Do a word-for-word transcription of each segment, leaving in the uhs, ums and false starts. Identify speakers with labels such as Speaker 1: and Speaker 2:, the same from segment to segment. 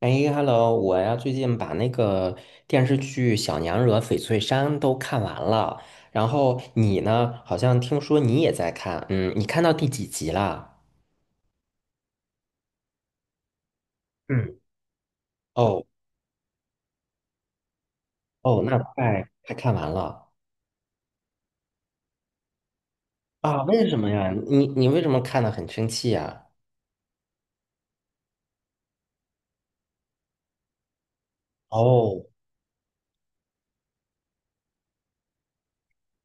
Speaker 1: 哎，Hello，我呀最近把那个电视剧《小娘惹翡翠山》都看完了，然后你呢？好像听说你也在看，嗯，你看到第几集啦？嗯，哦哦，那快快看完了啊？为什么呀？你你为什么看的很生气呀？哦，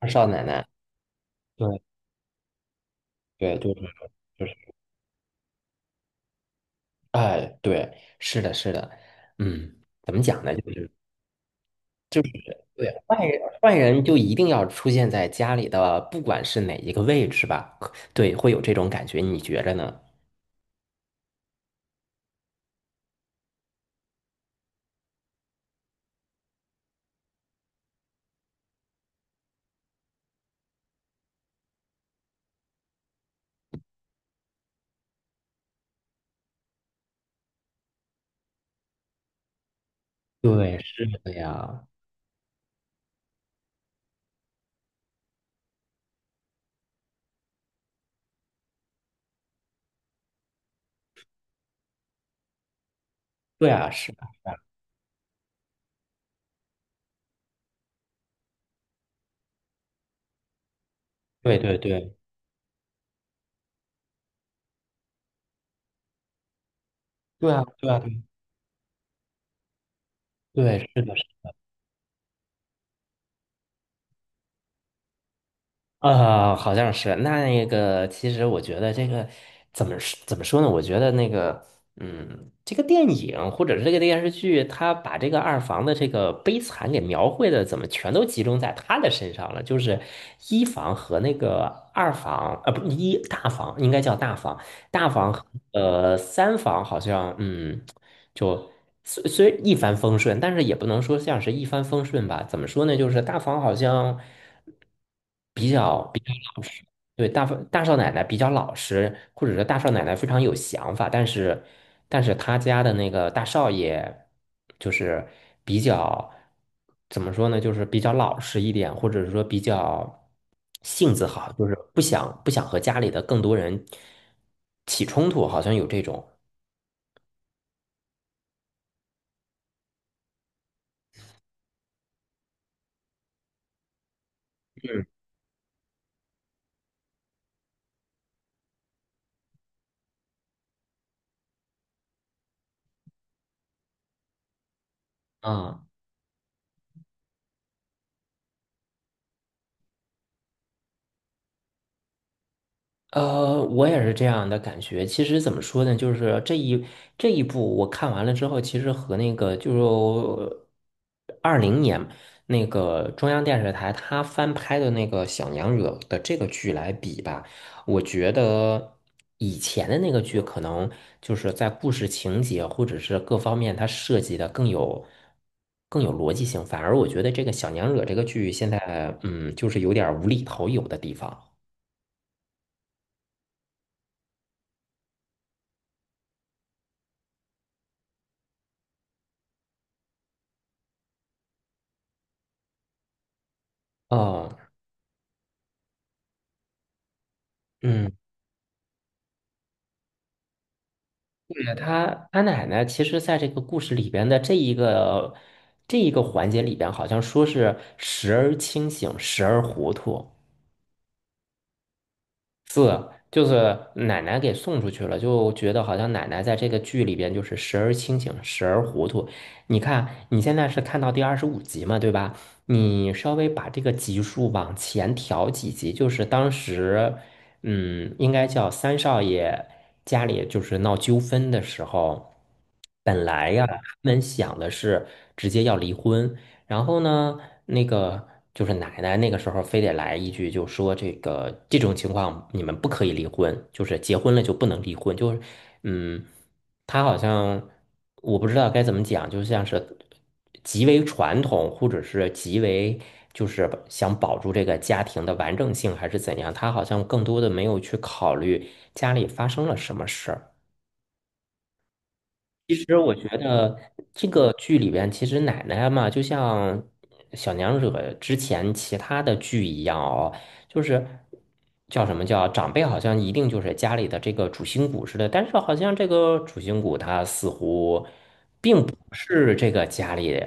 Speaker 1: 二少奶奶，对对对对，就是，哎，对，是的，是的，嗯，怎么讲呢？就是。对，坏人坏人就一定要出现在家里的，不管是哪一个位置吧，可对，会有这种感觉，你觉着呢？对，是的呀，对啊，是的，对对对，对啊，对啊，对，对，是的。呃，好像是那个，其实我觉得这个怎么说怎么说呢？我觉得那个，嗯，这个电影或者是这个电视剧，他把这个二房的这个悲惨给描绘的，怎么全都集中在他的身上了？就是一房和那个二房，呃，不，一大房应该叫大房，大房和呃三房好像，嗯。就虽虽一帆风顺，但是也不能说像是一帆风顺吧。怎么说呢？就是大房好像比较比较老实，对，大房大少奶奶比较老实，或者说大少奶奶非常有想法，但是但是他家的那个大少爷就是比较怎么说呢？就是比较老实一点，或者是说比较性子好，就是不想不想和家里的更多人起冲突，好像有这种。嗯。啊。呃，我也是这样的感觉。其实怎么说呢，就是这一这一部我看完了之后，其实和那个就是二零年那个中央电视台他翻拍的那个《小娘惹》的这个剧来比吧，我觉得以前的那个剧可能就是在故事情节或者是各方面它设计的更有更有逻辑性，反而我觉得这个《小娘惹》这个剧现在嗯，就是有点儿无厘头有的地方。哦。嗯。对他他奶奶其实在这个故事里边的这一个这一个环节里边，好像说是时而清醒，时而糊涂。就是奶奶给送出去了，就觉得好像奶奶在这个剧里边就是时而清醒，时而糊涂。你看，你现在是看到第二十五集嘛，对吧？你稍微把这个集数往前调几集，就是当时，嗯，应该叫三少爷家里就是闹纠纷的时候，本来呀，他们想的是直接要离婚，然后呢，那个就是奶奶那个时候非得来一句，就说这个这种情况你们不可以离婚，就是结婚了就不能离婚，就是嗯，她好像我不知道该怎么讲，就像是极为传统，或者是极为就是想保住这个家庭的完整性，还是怎样，她好像更多的没有去考虑家里发生了什么事儿。觉得这个剧里边，其实奶奶嘛，就像小娘惹之前其他的剧一样哦，就是叫什么叫长辈，好像一定就是家里的这个主心骨似的，但是好像这个主心骨他似乎并不是这个家里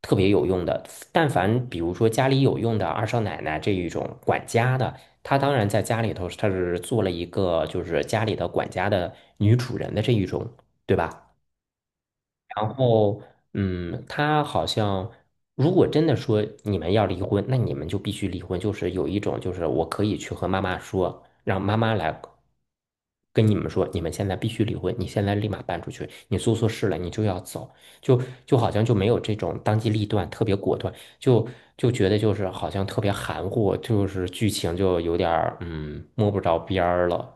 Speaker 1: 特别有用的。但凡比如说家里有用的二少奶奶这一种管家的。她当然在家里头，她是做了一个就是家里的管家的女主人的这一种，对吧？然后，嗯，他好像，如果真的说你们要离婚，那你们就必须离婚。就是有一种，就是我可以去和妈妈说，让妈妈来跟你们说，你们现在必须离婚，你现在立马搬出去，你做错事了，你就要走。就就好像就没有这种当机立断、特别果断，就就觉得就是好像特别含糊，就是剧情就有点儿嗯摸不着边儿了。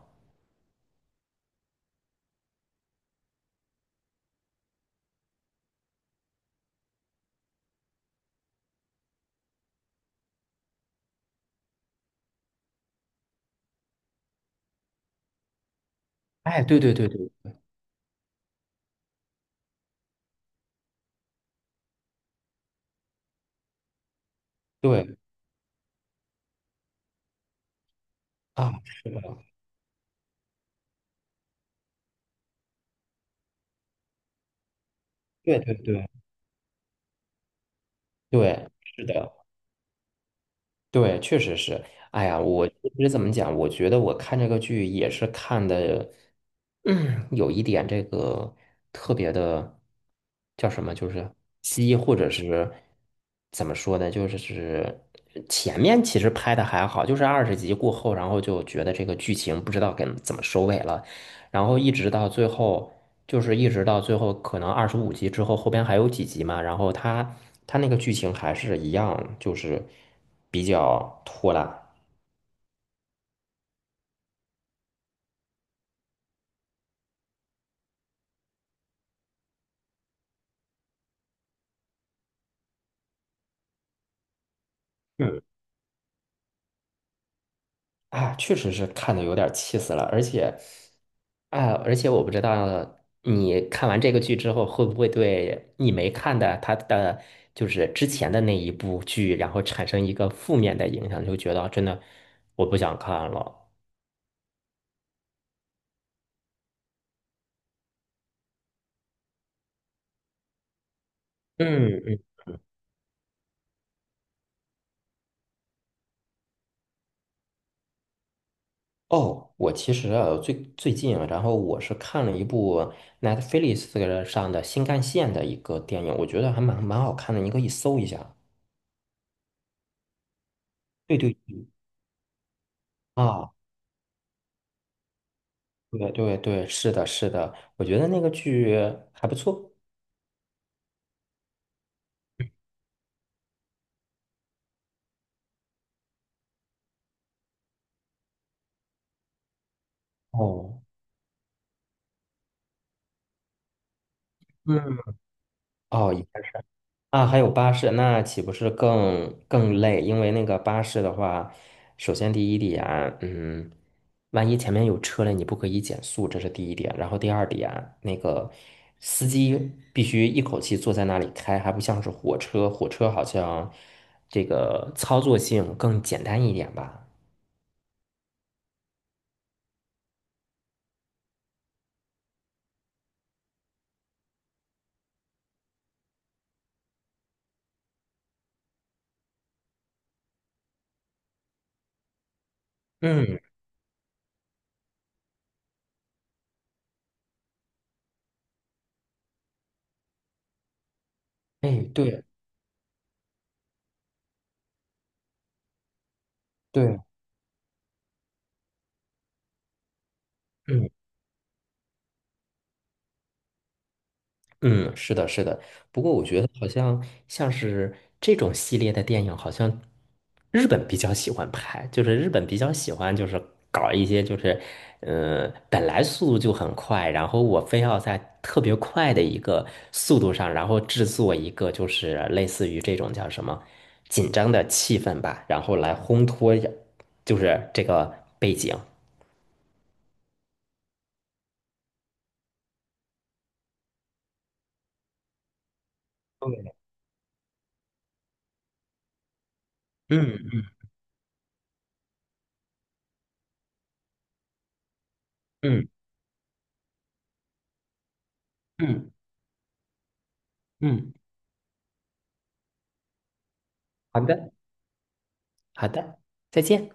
Speaker 1: 哎，对对对对对啊，是的，对对对对，是的。对，确实是。哎呀，我其实怎么讲？我觉得我看这个剧也是看的，嗯，有一点这个特别的叫什么，就是鸡，或者是怎么说呢？就是是前面其实拍的还好，就是二十集过后，然后就觉得这个剧情不知道该怎么收尾了，然后一直到最后，就是一直到最后，可能二十五集之后，后边还有几集嘛，然后他他那个剧情还是一样，就是比较拖拉。嗯，啊，确实是看的有点气死了，而且，啊，而且我不知道你看完这个剧之后，会不会对你没看的他的就是之前的那一部剧，然后产生一个负面的影响，就觉得真的我不想看了。嗯嗯哦，我其实啊，最最近啊，然后我是看了一部 Netflix 上的新干线的一个电影，我觉得还蛮蛮好看的，你可以搜一下。对对对，啊，对对对，是的，是的，我觉得那个剧还不错。哦嗯，哦，啊，还有巴士，那岂不是更更累？因为那个巴士的话，首先第一点，嗯，万一前面有车了，你不可以减速，这是第一点。然后第二点，那个司机必须一口气坐在那里开，还不像是火车，火车好像这个操作性更简单一点吧。嗯，哎，对对，嗯。嗯，是的，是的。不过我觉得好像像是这种系列的电影，好像日本比较喜欢拍，就是日本比较喜欢就是搞一些就是，呃，本来速度就很快，然后我非要在特别快的一个速度上，然后制作一个就是类似于这种叫什么紧张的气氛吧，然后来烘托一下就是这个背景。对嗯嗯嗯嗯，好的好的，再见。